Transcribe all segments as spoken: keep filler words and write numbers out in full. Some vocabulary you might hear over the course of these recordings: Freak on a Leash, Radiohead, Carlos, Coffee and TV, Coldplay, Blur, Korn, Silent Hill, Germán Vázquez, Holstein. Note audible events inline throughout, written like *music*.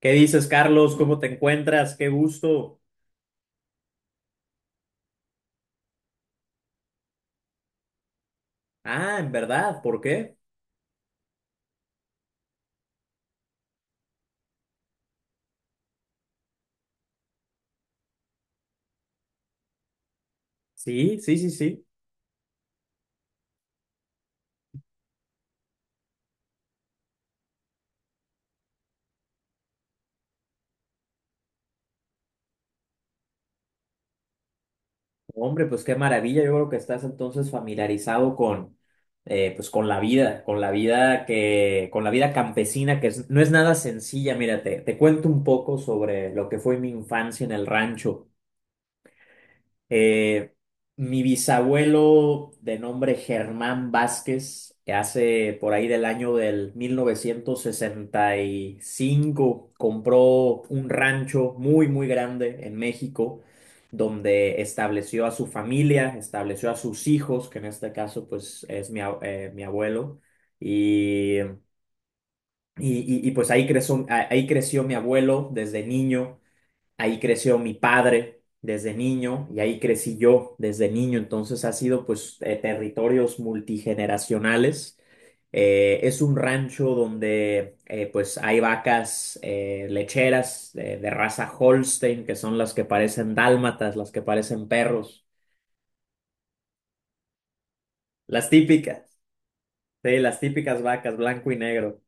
¿Qué dices, Carlos? ¿Cómo te encuentras? Qué gusto. Ah, en verdad, ¿por qué? Sí, sí, sí, sí. Hombre, pues qué maravilla. Yo creo que estás entonces familiarizado con, eh, pues con la vida, con la vida que, con la vida campesina, que es- no es nada sencilla. Mira, te, te cuento un poco sobre lo que fue mi infancia en el rancho. Eh, Mi bisabuelo de nombre Germán Vázquez, que hace por ahí del año del mil novecientos sesenta y cinco, compró un rancho muy, muy grande en México, donde estableció a su familia, estableció a sus hijos, que en este caso pues es mi, a- eh, mi abuelo, y, y, y- y, pues ahí creció, ahí creció mi abuelo desde niño. Ahí creció mi padre desde niño y ahí crecí yo desde niño. Entonces ha sido pues eh, territorios multigeneracionales. Eh, es un rancho donde eh, pues hay vacas eh, lecheras de, de raza Holstein, que son las que parecen dálmatas, las que parecen perros, las típicas, sí, las típicas vacas blanco y negro.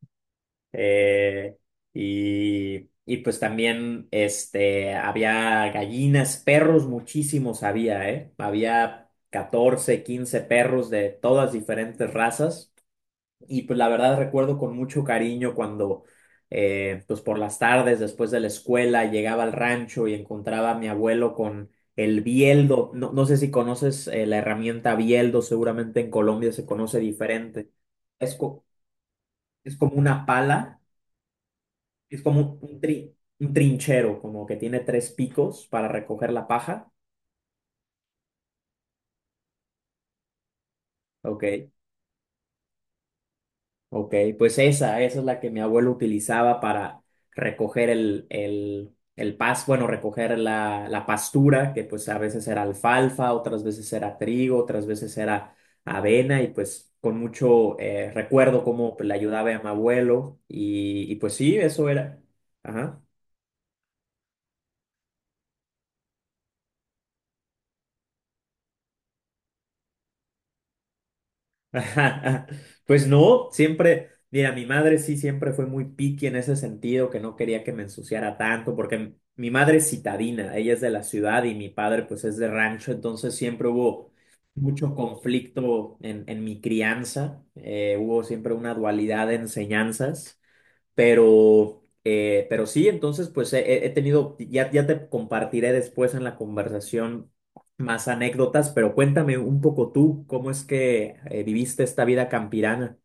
Eh, y, y pues también este, había gallinas, perros, muchísimos había, ¿eh? Había catorce quince perros de todas diferentes razas. Y pues la verdad recuerdo con mucho cariño cuando, eh, pues por las tardes después de la escuela llegaba al rancho y encontraba a mi abuelo con el bieldo. No, no sé si conoces, eh, la herramienta bieldo, seguramente en Colombia se conoce diferente. Es, co- es como una pala, es como un, un tri- un trinchero, como que tiene tres picos para recoger la paja. Ok, ok, pues esa, esa es la que mi abuelo utilizaba para recoger el, el, el pas, bueno, recoger la, la pastura, que pues a veces era alfalfa, otras veces era trigo, otras veces era avena, y pues con mucho eh, recuerdo cómo pues, le ayudaba a mi abuelo, y, y pues sí, eso era. Ajá. *laughs* Ajá, ajá. Pues no, siempre, mira, mi madre sí siempre fue muy picky en ese sentido, que no quería que me ensuciara tanto, porque m- mi madre es citadina, ella es de la ciudad y mi padre pues es de rancho, entonces siempre hubo mucho conflicto en, en mi crianza, eh, hubo siempre una dualidad de enseñanzas. Pero, eh, pero sí, entonces, pues he, he- he tenido, ya, ya te compartiré después en la conversación más anécdotas, pero cuéntame un poco tú, ¿cómo es que eh, viviste esta vida campirana?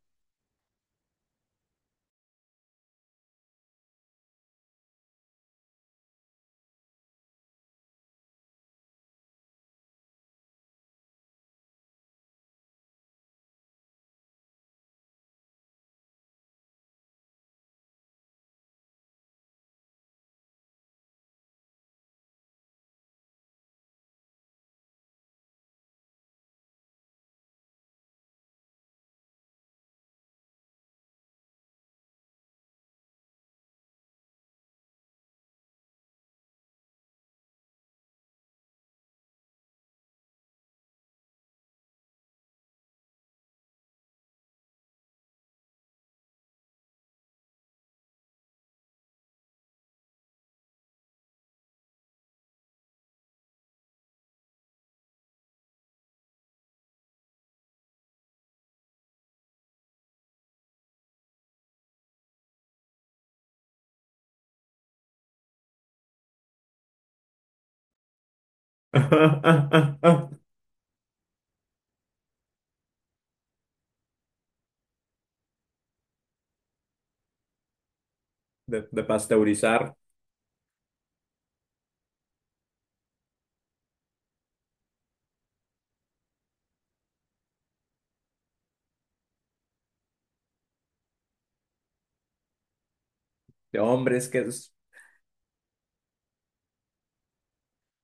*laughs* De, de pasteurizar, de hombres que es.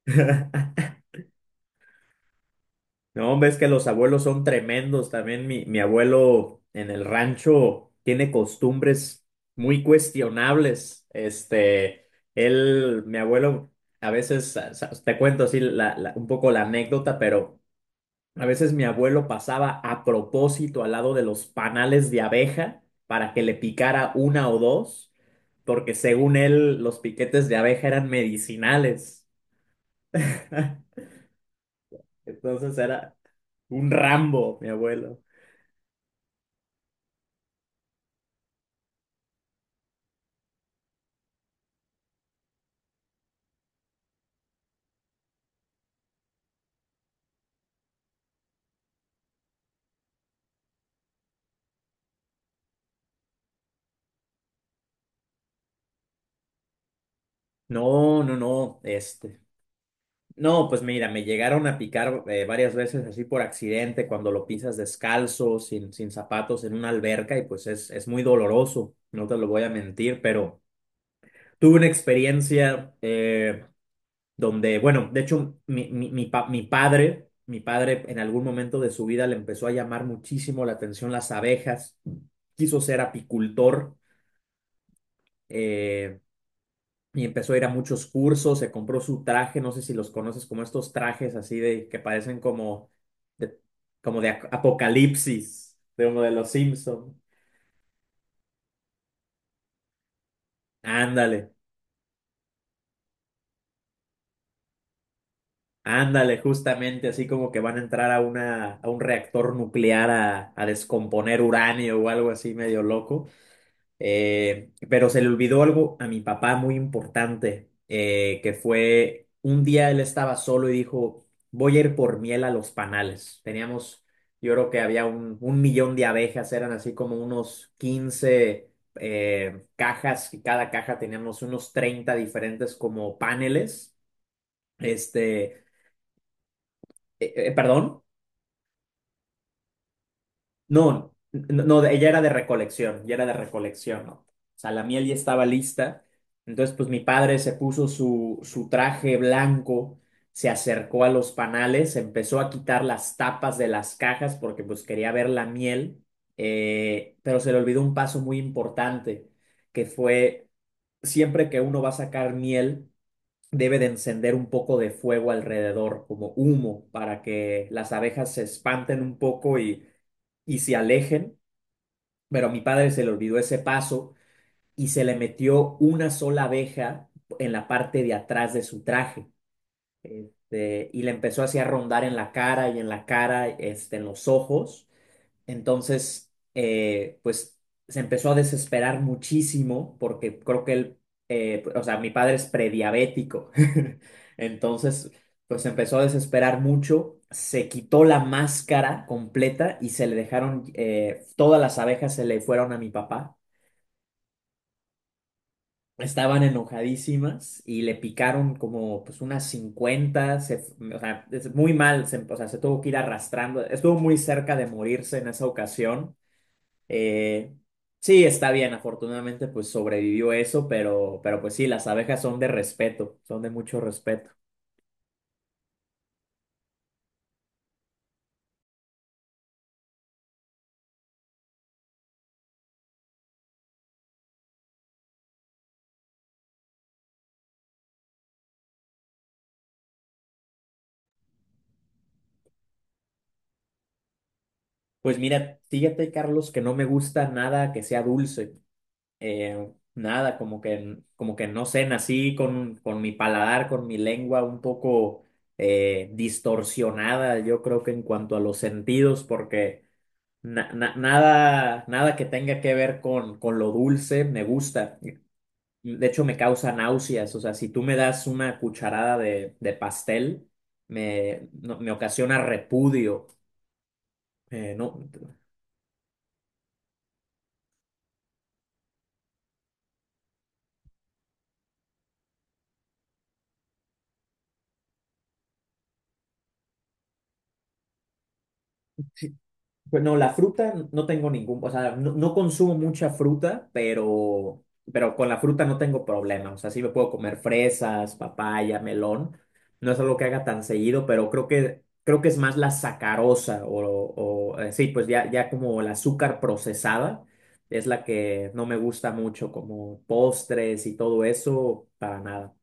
*laughs* No, ves que los abuelos son tremendos. También mi, mi abuelo en el rancho tiene costumbres muy cuestionables. Este, él, mi abuelo, a veces, a- sa- te cuento así la- la- un poco la anécdota, pero a veces mi abuelo pasaba a propósito al lado de los panales de abeja para que le picara una o dos, porque según él, los piquetes de abeja eran medicinales. *laughs* Entonces era un Rambo, mi abuelo. No, no, no, este. No, pues mira, me llegaron a picar eh, varias veces así por accidente, cuando lo pisas descalzo, sin, sin zapatos, en una alberca, y pues es, es muy doloroso, no te lo voy a mentir, pero tuve una experiencia eh, donde, bueno, de hecho, mi, mi, mi, pa- mi padre, mi padre en algún momento de su vida le empezó a llamar muchísimo la atención las abejas, quiso ser apicultor, eh, y empezó a ir a muchos cursos, se compró su traje, no sé si los conoces, como estos trajes así de que parecen como de, como de ac- apocalipsis, de uno de los Simpson. Ándale, ándale, justamente así como que van a entrar a una a un reactor nuclear a, a descomponer uranio o algo así medio loco. Eh, pero se le olvidó algo a mi papá muy importante, eh, que fue un día él estaba solo y dijo, voy a ir por miel a los panales. Teníamos, yo creo que había un, un millón de abejas, eran así como unos quince eh, cajas y cada caja teníamos unos treinta diferentes como paneles, este, eh, eh, perdón. No, no, no, ella era de recolección, ya era de recolección, ¿no? O sea, la miel ya estaba lista. Entonces, pues mi padre se puso su, su traje blanco, se acercó a los panales, empezó a quitar las tapas de las cajas porque pues quería ver la miel, eh, pero se le olvidó un paso muy importante, que fue siempre que uno va a sacar miel, debe de encender un poco de fuego alrededor, como humo, para que las abejas se espanten un poco y, y se alejen. Pero a mi padre se le olvidó ese paso y se le metió una sola abeja en la parte de atrás de su traje. Este, y le empezó así a rondar en la cara y en la cara, este, en los ojos. Entonces, eh, pues se empezó a desesperar muchísimo porque creo que él, eh, o sea, mi padre es prediabético. *laughs* Entonces, pues se empezó a desesperar mucho, se quitó la máscara completa y se le dejaron, eh, todas las abejas se le fueron a mi papá. Estaban enojadísimas y le picaron como pues unas cincuenta se- o sea, es muy mal, se- o sea, se tuvo que ir arrastrando, estuvo muy cerca de morirse en esa ocasión. Eh, sí, está bien, afortunadamente pues sobrevivió eso, pero, pero pues sí, las abejas son de respeto, son de mucho respeto. Pues mira, fíjate, Carlos, que no me gusta nada que sea dulce, eh, nada, como que, como que no sé, nací con, con mi paladar, con mi lengua un poco eh, distorsionada, yo creo que en cuanto a los sentidos, porque na- na- nada, nada que tenga que ver con, con lo dulce me gusta. De hecho, me causa náuseas. O sea, si tú me das una cucharada de, de pastel, me, no- me ocasiona repudio. Eh, no, pues no, la fruta no tengo ningún, o sea, no, no consumo mucha fruta, pero, pero con la fruta no tengo problema. O sea, sí me puedo comer fresas, papaya, melón. No es algo que haga tan seguido, pero creo que, creo que es más la sacarosa o, o, eh, sí, pues ya, ya como el azúcar procesada es la que no me gusta mucho, como postres y todo eso, para nada.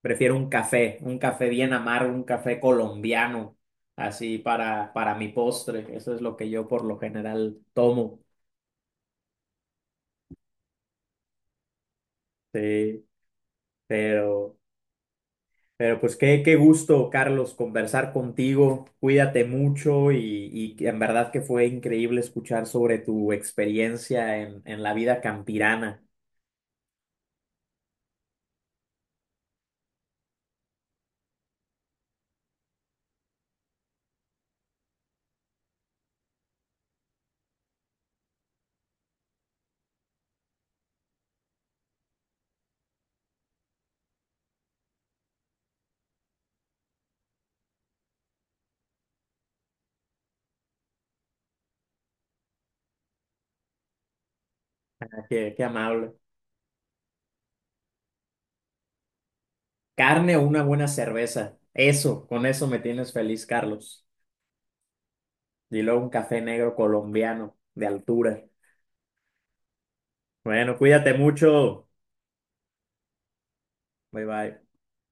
Prefiero un café, un café bien amargo, un café colombiano así para, para mi postre. Eso es lo que yo por lo general tomo. Sí, pero, pero pues qué, qué gusto, Carlos, conversar contigo. Cuídate mucho y, y en verdad que fue increíble escuchar sobre tu experiencia en, en la vida campirana. Qué, qué amable. Carne o una buena cerveza. Eso, con eso me tienes feliz, Carlos. Y luego un café negro colombiano de altura. Bueno, cuídate mucho. Bye bye.